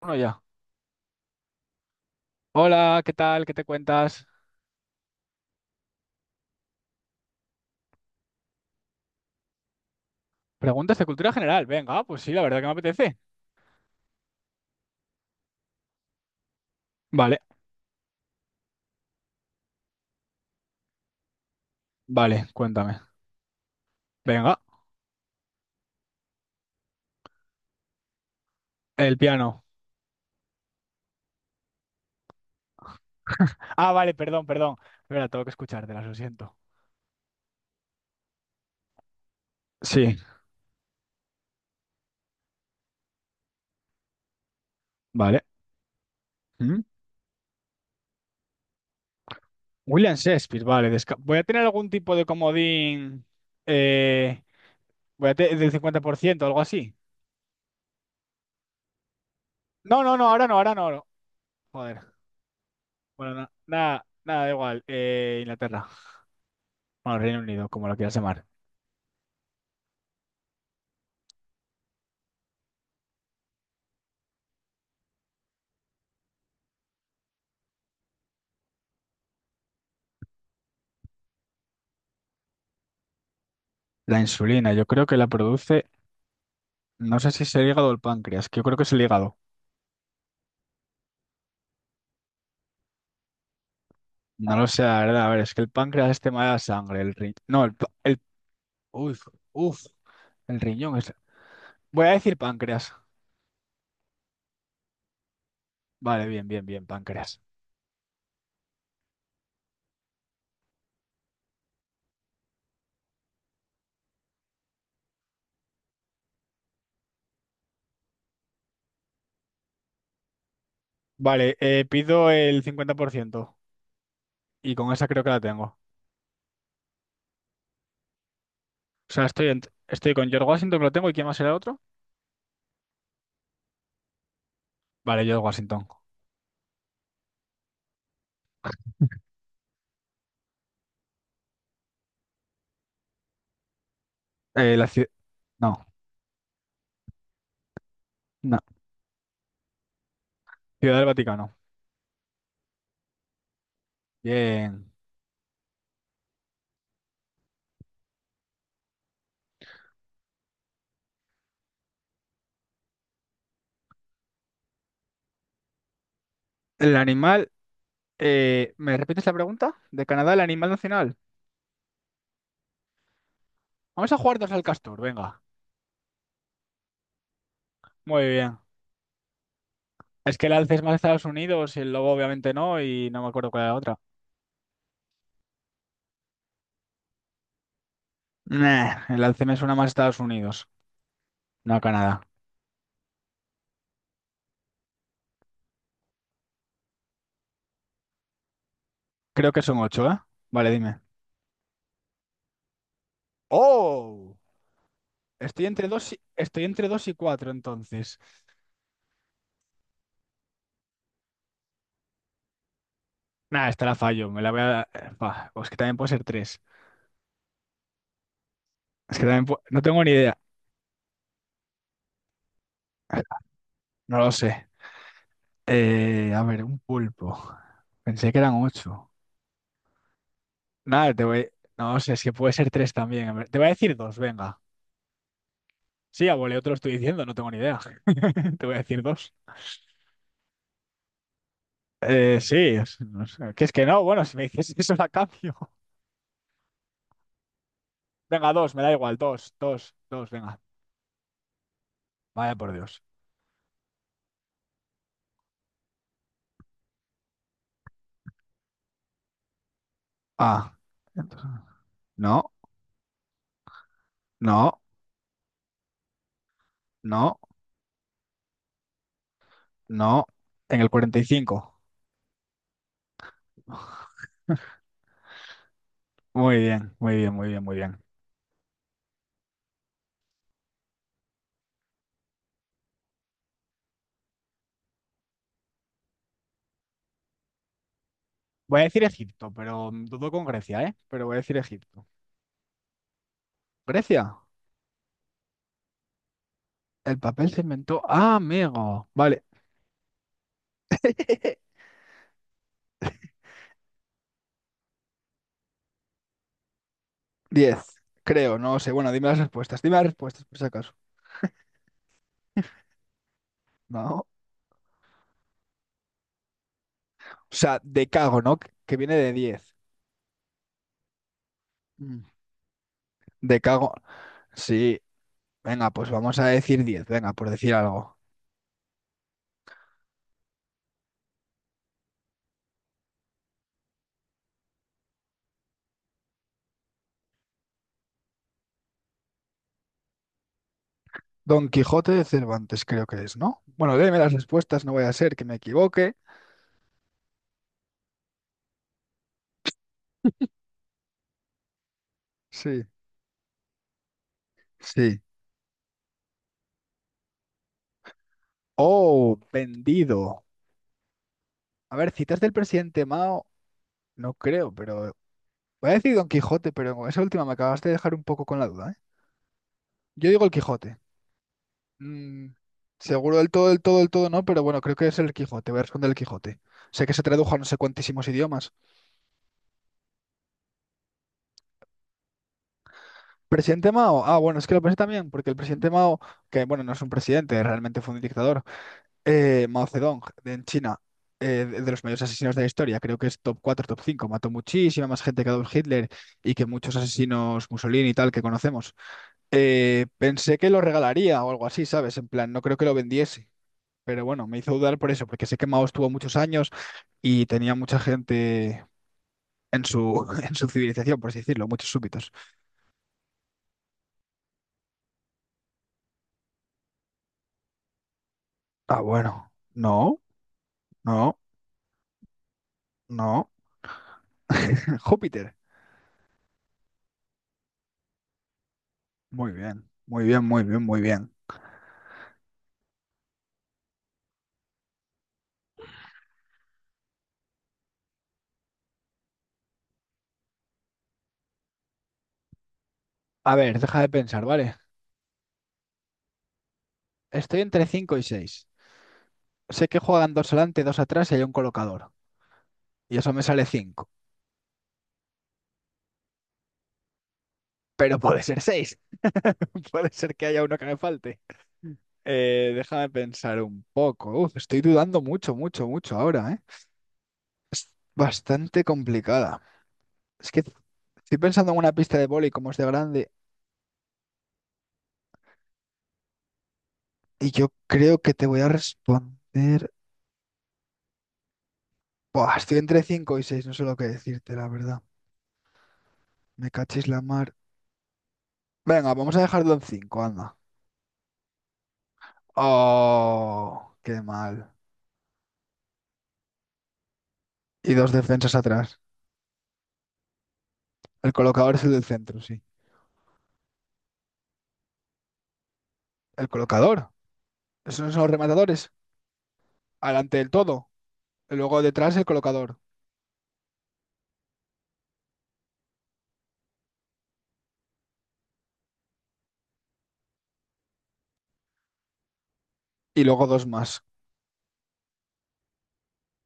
Bueno, ya. Hola, ¿qué tal? ¿Qué te cuentas? Preguntas de cultura general. Venga, pues sí, la verdad que me apetece. Vale, vale, cuéntame. Venga, el piano. Ah, vale, perdón, perdón. Espera, tengo que escuchártelas, lo siento. Sí, vale. ¿Mm? William Shakespeare, vale. Voy a tener algún tipo de comodín eh, del 50%, algo así. No, no, no, ahora no, ahora no. No. Joder. Bueno, nada, nada, da igual. Inglaterra. Bueno, Reino Unido, como lo quieras llamar. La insulina, yo creo que la produce. No sé si es el hígado o el páncreas, que yo creo que es el hígado. No lo sé, la verdad. A ver, es que el páncreas es tema de la sangre. El riñón. No, el. Uf, uf, el riñón es. Voy a decir páncreas. Vale, bien, bien, bien, páncreas. Vale, pido el 50%. Y con esa creo que la tengo. O sea, estoy, estoy con George Washington, que lo tengo. ¿Y quién más era el otro? Vale, George Washington. La ciudad. No, no. Ciudad del Vaticano. Bien. El animal. ¿Me repites la pregunta? ¿De Canadá, el animal nacional? Vamos a jugar dos al castor, venga. Muy bien. Es que el alce es más Estados Unidos y el lobo obviamente no, y no me acuerdo cuál era la otra. Nah, el alce me suena más a Estados Unidos, no a Canadá. Creo que son ocho, ¿eh? Vale, dime. ¡Oh! Estoy entre dos y cuatro, entonces. Nah, esta la fallo, me la voy a... Buah, pues que también puede ser tres. Es que también no tengo ni idea. No lo sé. A ver, un pulpo. Pensé que eran ocho. Nada, te voy... No sé, es que puede ser tres también. A ver, te voy a decir dos, venga. Sí, abuelo, yo te lo estoy diciendo, no tengo ni idea. Te voy a decir dos. Sí, no sé, que es que no, bueno, si me dices eso la cambio. Venga, dos, me da igual, dos, dos, dos, venga. Vaya por Dios. Ah, entonces- no, no, no, no. En el 45. Muy bien, muy bien, muy bien, muy bien. Voy a decir Egipto, pero dudo con Grecia, ¿eh? Pero voy a decir Egipto. Grecia, el papel se inventó. Ah, amigo. Vale. 10, creo, no sé. Bueno, dime las respuestas por si acaso. No. O sea, de cago, ¿no? Que viene de 10. Mm. De cago. Sí. Venga, pues vamos a decir 10. Venga, por decir algo. Don Quijote de Cervantes, creo que es, ¿no? Bueno, déme las respuestas, no voy a ser que me equivoque. Sí, sí. Oh, vendido. A ver, citas del presidente Mao, no creo, pero. Voy a decir Don Quijote, pero con esa última me acabaste de dejar un poco con la duda, ¿eh? Yo digo el Quijote. Mm, seguro del todo, del todo, del todo no, pero bueno, creo que es el Quijote. Voy a responder el Quijote. Sé que se tradujo a no sé cuantísimos idiomas. Presidente Mao, ah, bueno, es que lo pensé también, porque el presidente Mao, que bueno, no es un presidente, realmente fue un dictador, Mao Zedong, en China, de los mayores asesinos de la historia, creo que es top 4, top 5. Mató muchísima más gente que Adolf Hitler y que muchos asesinos Mussolini y tal que conocemos. Pensé que lo regalaría o algo así, ¿sabes? En plan, no creo que lo vendiese, pero bueno, me hizo dudar por eso, porque sé que Mao estuvo muchos años y tenía mucha gente en su, en su civilización, por así decirlo, muchos súbitos. Ah, bueno, no. No. No, Júpiter. Muy bien, muy bien, muy bien, muy bien. A ver, deja de pensar, ¿vale? Estoy entre 5 y 6. Sé que juegan dos adelante, dos atrás y hay un colocador. Y eso me sale 5. Pero puede ser 6. Puede ser que haya uno que me falte. Déjame pensar un poco. Uf, estoy dudando mucho, mucho, mucho ahora, ¿eh? Es bastante complicada. Es que estoy pensando en una pista de vóley como es de grande y yo creo que te voy a responder. Buah, estoy entre 5 y 6, no sé lo que decirte, la verdad. Me cachis la mar. Venga, vamos a dejarlo en 5, anda. Oh, qué mal. Y dos defensas atrás. El colocador es el del centro, sí. ¿El colocador? ¿Esos no son los rematadores? Adelante del todo. Y luego detrás el colocador. Y luego dos más.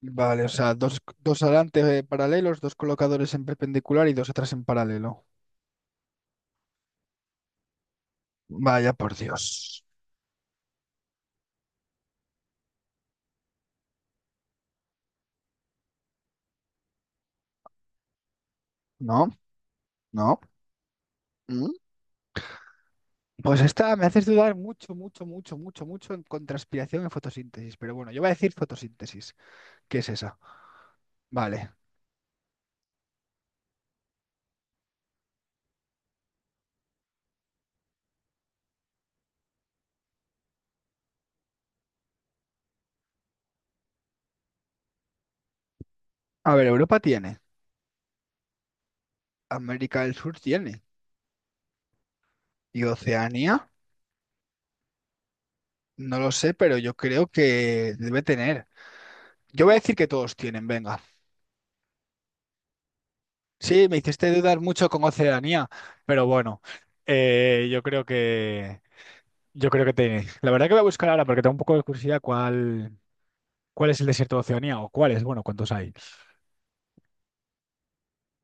Vale, o sea, dos, dos adelante, paralelos, dos colocadores en perpendicular y dos atrás en paralelo. Vaya por Dios. ¿No? ¿No? ¿Mm? Pues esta me haces dudar mucho, mucho, mucho, mucho, mucho en contraspiración en fotosíntesis. Pero bueno, yo voy a decir fotosíntesis. ¿Qué es esa? Vale. A ver, Europa tiene, América del Sur tiene y Oceanía, no lo sé, pero yo creo que debe tener. Yo voy a decir que todos tienen, venga. Sí, me hiciste dudar mucho con Oceanía, pero bueno, eh, yo creo que yo creo que tiene. La verdad que voy a buscar ahora porque tengo un poco de curiosidad cuál es el desierto de Oceanía o cuáles, bueno, cuántos hay.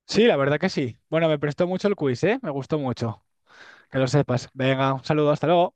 Sí, la verdad que sí. Bueno, me prestó mucho el quiz, ¿eh? Me gustó mucho. Que lo sepas. Venga, un saludo, hasta luego.